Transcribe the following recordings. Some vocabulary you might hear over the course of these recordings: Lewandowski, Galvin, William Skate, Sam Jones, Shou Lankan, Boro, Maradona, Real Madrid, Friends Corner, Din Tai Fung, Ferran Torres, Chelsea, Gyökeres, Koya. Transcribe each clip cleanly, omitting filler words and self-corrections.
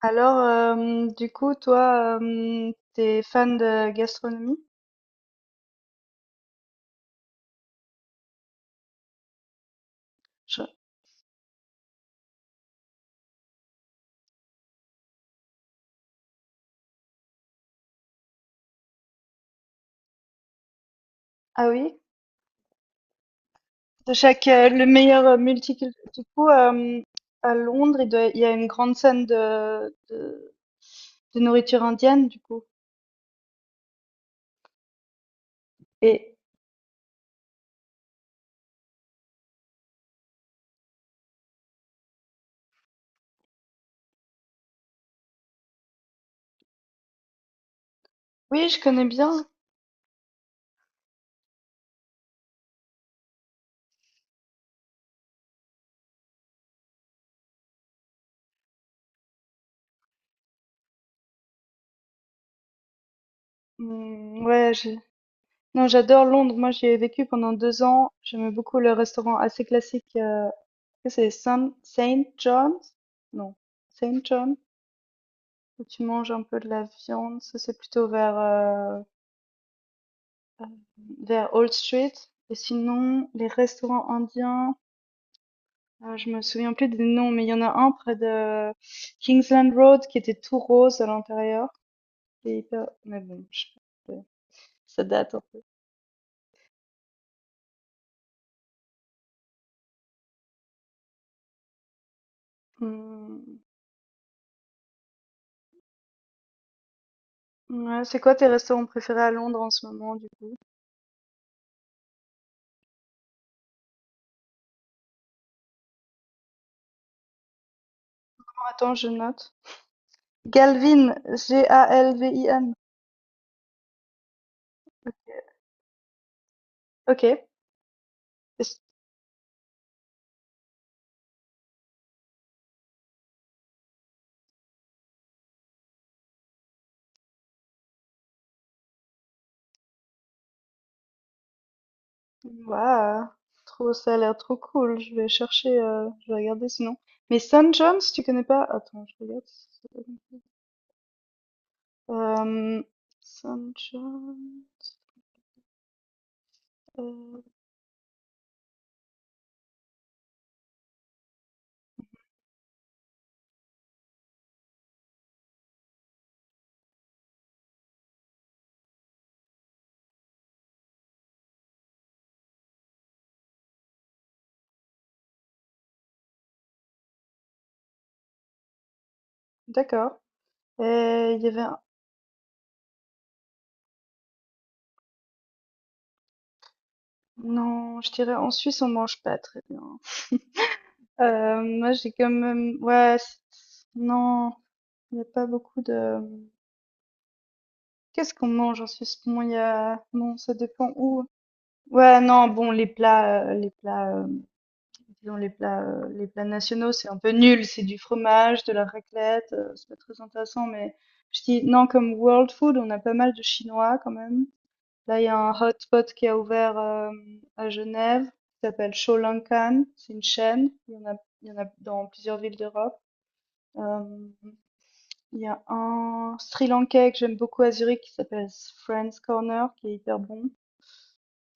Alors, du coup, toi, t'es fan de gastronomie? Je- Ah oui? De chaque, le meilleur multiculturel. Du coup, à Londres, il y a une grande scène de nourriture indienne, du coup. Et oui, je connais bien. Hmm, ouais, non, j'adore Londres. Moi, j'y ai vécu pendant 2 ans. J'aimais beaucoup le restaurant assez classique. Que c'est Saint John's? Non, Saint John's, où tu manges un peu de la viande. Ça, c'est plutôt vers Old Street. Et sinon, les restaurants indiens, je me souviens plus des noms, mais il y en a un près de Kingsland Road qui était tout rose à l'intérieur. C'est hyper. Mais bon, je sais pas, ça date un peu. Hum, ouais, c'est quoi tes restaurants préférés à Londres en ce moment, du coup? Attends, je note. Galvin, Galvin. Ok. Waouh, trop, ça a l'air trop cool. Je vais regarder sinon. Mais Sam Jones, tu connais pas? Attends, je regarde. Si c'est- Euh, Sam Jones, euh, d'accord. Et il y avait un. Non, je dirais en Suisse on mange pas très bien. Moi j'ai quand même, ouais, non, il n'y a pas beaucoup de. Qu'est-ce qu'on mange en Suisse? Bon, il y a, bon, ça dépend où. Ouais, non, bon, les plats. Disons les plats nationaux, c'est un peu nul, c'est du fromage, de la raclette, c'est pas très intéressant, mais je dis non, comme world food, on a pas mal de chinois quand même. Là, il y a un hotspot qui a ouvert, à Genève, qui s'appelle Shou Lankan, c'est une chaîne, il y en a dans plusieurs villes d'Europe. Hem, il y a un Sri Lankais que j'aime beaucoup à Zurich qui s'appelle Friends Corner qui est hyper bon.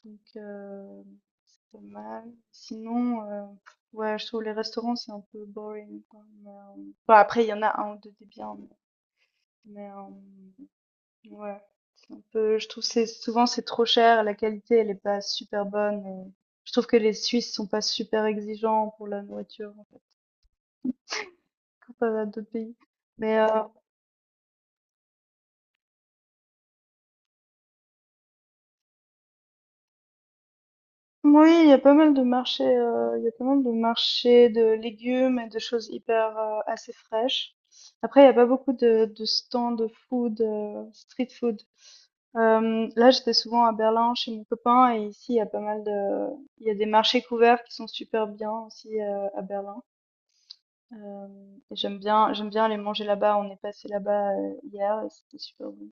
Donc, c'est pas mal. Sinon, ouais, je trouve les restaurants, c'est un peu boring, quoi, mais, bah, après, il y en a un ou 2 des biens, mais, ouais, c'est un peu je trouve que c'est souvent, c'est trop cher, la qualité, elle est pas super bonne et je trouve que les Suisses sont pas super exigeants pour la nourriture, en fait, comparé à d'autres pays, mais, oui, il y a pas mal de marchés, il y a pas mal de marchés de légumes et de choses hyper assez fraîches. Après, il y a pas beaucoup de stands de food, street food. Là, j'étais souvent à Berlin chez mon copain et ici, il y a pas mal de, il y a des marchés couverts qui sont super bien aussi à Berlin. Euh, et j'aime bien aller manger là-bas. On est passé là-bas hier et c'était super bon.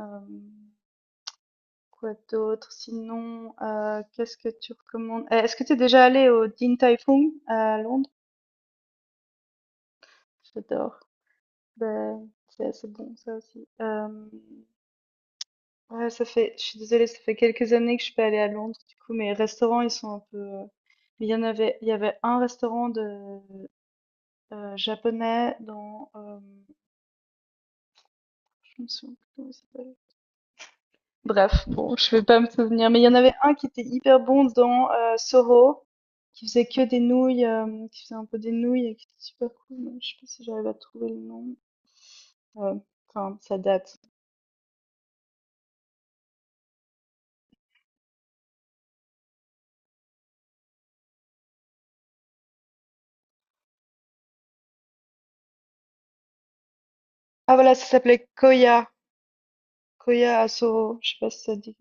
Euh, Quoi d'autre? Sinon, qu'est-ce que tu recommandes? Est-ce que tu es déjà allé au Din Tai Fung à Londres? J'adore. Ben, c'est assez bon, ça aussi. Ouais, ça fait, je suis désolée, ça fait quelques années que je suis pas allée à Londres, du coup, mes restaurants, ils sont un peu. Mais il y en avait, il y avait un restaurant de japonais dans. Je me souviens plus comment il s'appelle. Bref, bon, je vais pas me souvenir, mais il y en avait un qui était hyper bon dans Soro, qui faisait un peu des nouilles et qui était super cool. Mais je sais pas si j'arrive à trouver le nom. Euh, Enfin, ça date. Ah voilà, ça s'appelait Koya. Koya à Soro. Je sais pas si ça dit.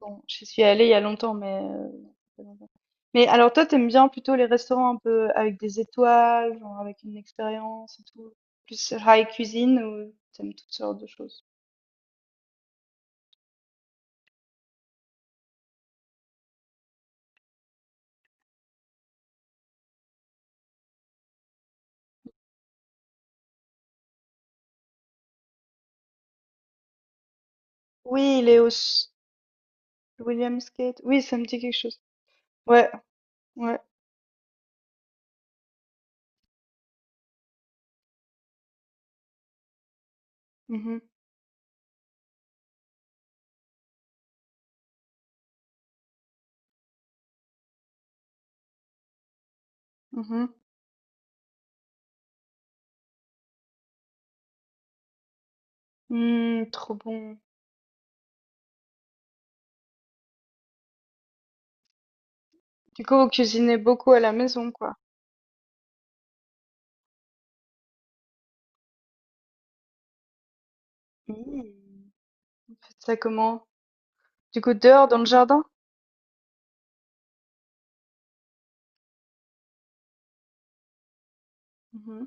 Bon, j'y suis allée il y a longtemps, mais. Ça fait longtemps. Mais alors toi, t'aimes bien plutôt les restaurants un peu avec des étoiles, genre avec une expérience et tout, plus high cuisine ou t'aimes toutes sortes de choses? Oui, il est au William Skate. Oui, ça me dit quelque chose. Ouais, ouais. Mhm, mhm. Hmm, trop bon. Du coup, vous cuisinez beaucoup à la maison, quoi. Hmm. Faites ça comment? Du coup, dehors, dans le jardin? Mhm,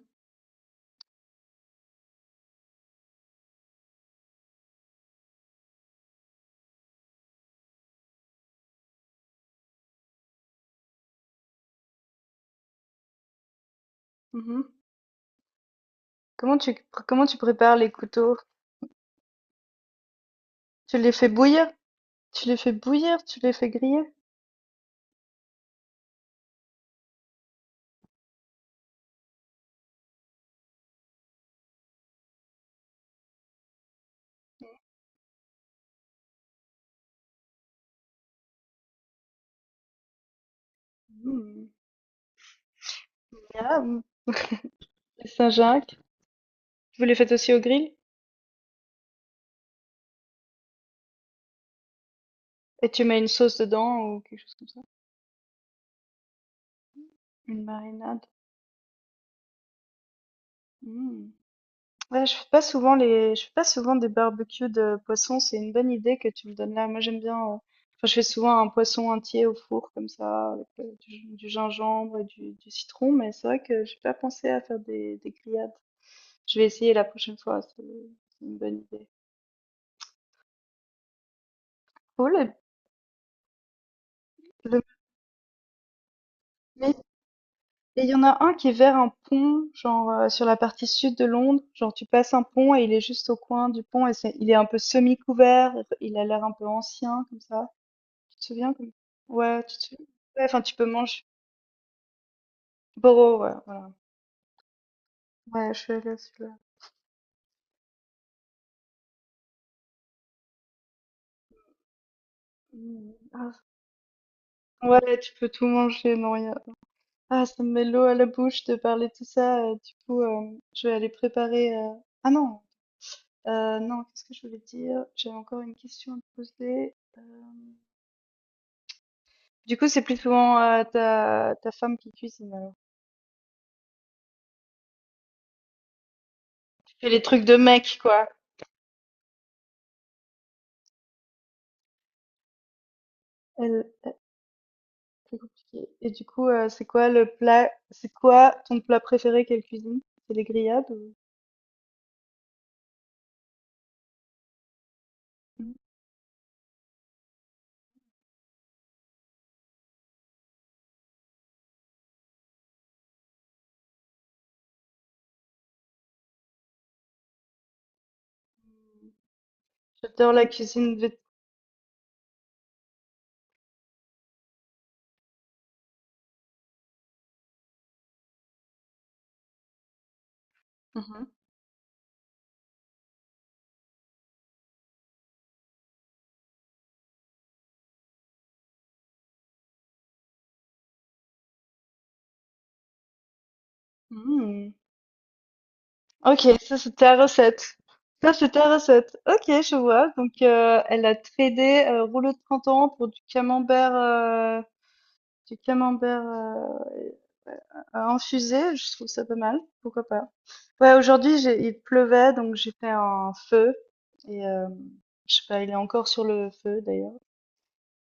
mhm. Comment tu, comment tu prépares les couteaux? Tu les fais bouillir? Tu les fais bouillir? Tu les fais griller? Hmm. Miam. Les Saint-Jacques. Vous les faites aussi au grill? Et tu mets une sauce dedans ou quelque chose comme ça? Une marinade. Hmm. Ouais, je fais pas souvent des barbecues de poisson. C'est une bonne idée que tu me donnes là. Moi, j'aime bien. Enfin, je fais souvent un poisson entier au four comme ça, avec du gingembre et du citron. Mais c'est vrai que j'ai pas pensé à faire des grillades. Je vais essayer la prochaine fois. C'est une bonne idée. Cool. Et le- mais- et il y en a un qui est vers un pont, genre sur la partie sud de Londres. Genre, tu passes un pont et il est juste au coin du pont et il est un peu semi-couvert. Il a l'air un peu ancien comme ça. Tu te souviens comme. Ouais, tu te souviens. Ouais, enfin, tu peux manger. Boro, ouais, voilà. Ouais, je suis allée à celui-là. Mm. Ah, ouais, tu peux tout manger, non, ah, ça me met l'eau à la bouche de parler de tout ça. Du coup, je vais aller préparer. Ah non, non, qu'est-ce que je voulais dire? J'avais encore une question à te poser. Du coup, c'est plus souvent ta femme qui cuisine alors. Tu fais les trucs de mec, quoi. Elle, C'est compliqué. Et du coup, c'est quoi ton plat préféré qu'elle cuisine? C'est les grillades Mhm. J'adore la cuisine vét- Mhm. Mhm. Ok, ça c'est ta recette. Ça c'est ta recette. Ok, je vois. Donc elle a tradé rouleau de printemps pour du camembert. Du camembert infusé, je trouve ça pas mal. Pourquoi pas? Ouais, aujourd'hui, il pleuvait, donc j'ai fait un feu. Et je sais pas, il est encore sur le feu d'ailleurs.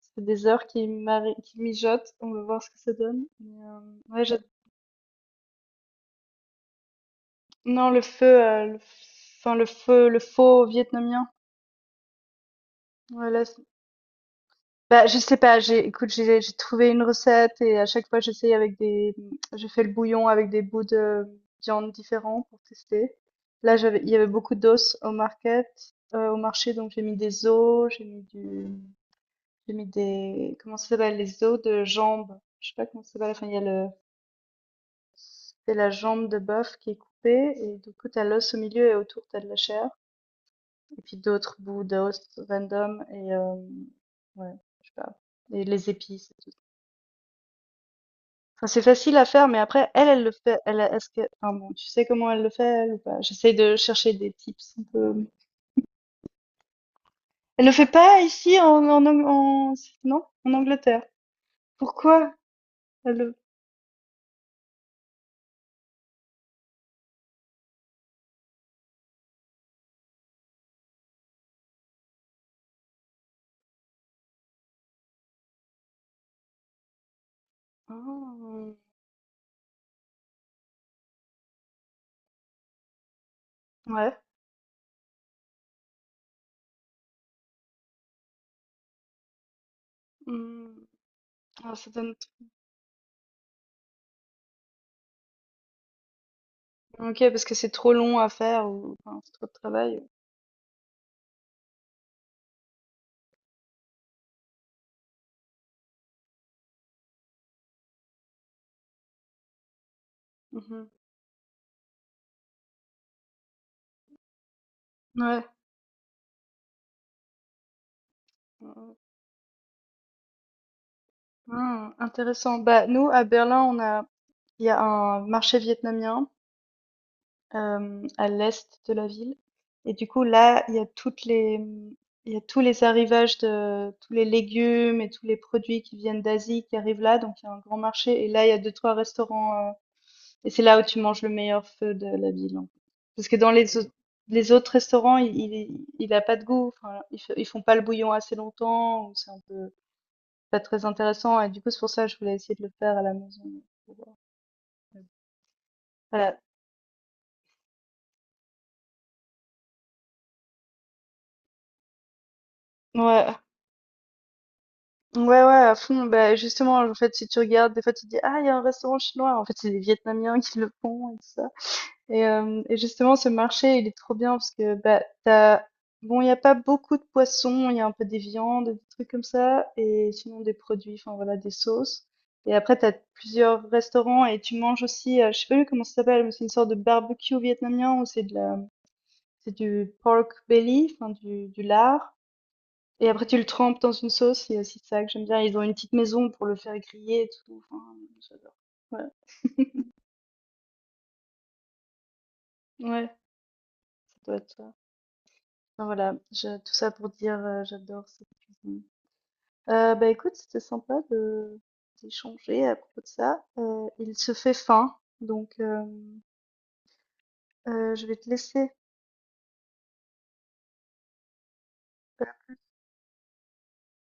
Ça fait des heures qu'il mijote. On va voir ce que ça donne. Mais, ouais, non, le feu, le enfin le feu, le faux vietnamien. Ouais, là, bah, je sais pas, j'ai, écoute, j'ai trouvé une recette et à chaque fois j'essaye avec des, je fais le bouillon avec des bouts de viande différents pour tester. Là, il y avait beaucoup d'os au marché, donc j'ai mis des os, j'ai mis du, j'ai mis des, comment ça s'appelle, les os de jambe. Je sais pas comment ça s'appelle. Enfin, il y a le, c'est la jambe de bœuf qui est coupée et du coup t'as l'os au milieu et autour t'as de la chair et puis d'autres bouts d'os random et ouais, je sais pas, et les épices. Enfin, c'est facile à faire, mais après, elle le fait. Est-ce que, enfin, bon, tu sais comment elle le fait, elle, ou pas? J'essaie de chercher des tips un peu. Elle le fait pas ici, non, en Angleterre. Pourquoi? Elle le. Ah, ouais. Hmm. Ah, ça donne. Ok, parce que c'est trop long à faire, ou enfin, c'est trop de travail. Mhm. Ouais. Ah, intéressant. Bah, nous, à Berlin, il y a un marché vietnamien. À l'est de la ville. Et du coup, là, il y a tous les arrivages de tous les légumes et tous les produits qui viennent d'Asie qui arrivent là. Donc, il y a un grand marché. Et là, il y a deux, trois restaurants. Et c'est là où tu manges le meilleur feu de la ville, en fait. Parce que dans les, les autres restaurants, il a pas de goût. Enfin, ils font pas le bouillon assez longtemps, ou c'est un peu pas très intéressant. Et du coup, c'est pour ça que je voulais essayer de le faire à la maison, pour voir. Voilà. Ouais, Ouais, ouais, à fond. Bah, justement, en fait, si tu regardes, des fois, tu te dis, ah, il y a un restaurant chinois. En fait, c'est les Vietnamiens qui le font et tout ça. Et justement, ce marché, il est trop bien parce que, bah, t'as, bon, il n'y a pas beaucoup de poissons. Il y a un peu des viandes, des trucs comme ça. Et sinon, des produits, enfin, voilà, des sauces. Et après, t'as plusieurs restaurants et tu manges aussi, je sais pas plus comment ça s'appelle, mais c'est une sorte de barbecue vietnamien où c'est du pork belly, enfin, du lard. Et après, tu le trempes dans une sauce, c'est aussi ça que j'aime bien. Ils ont une petite maison pour le faire griller et tout. Enfin, j'adore. Ouais, ouais, ça doit être ça. Enfin, voilà, tout ça pour dire, j'adore cette cuisine. Bah écoute, c'était sympa de d'échanger à propos de ça. Il se fait faim, donc je vais te laisser.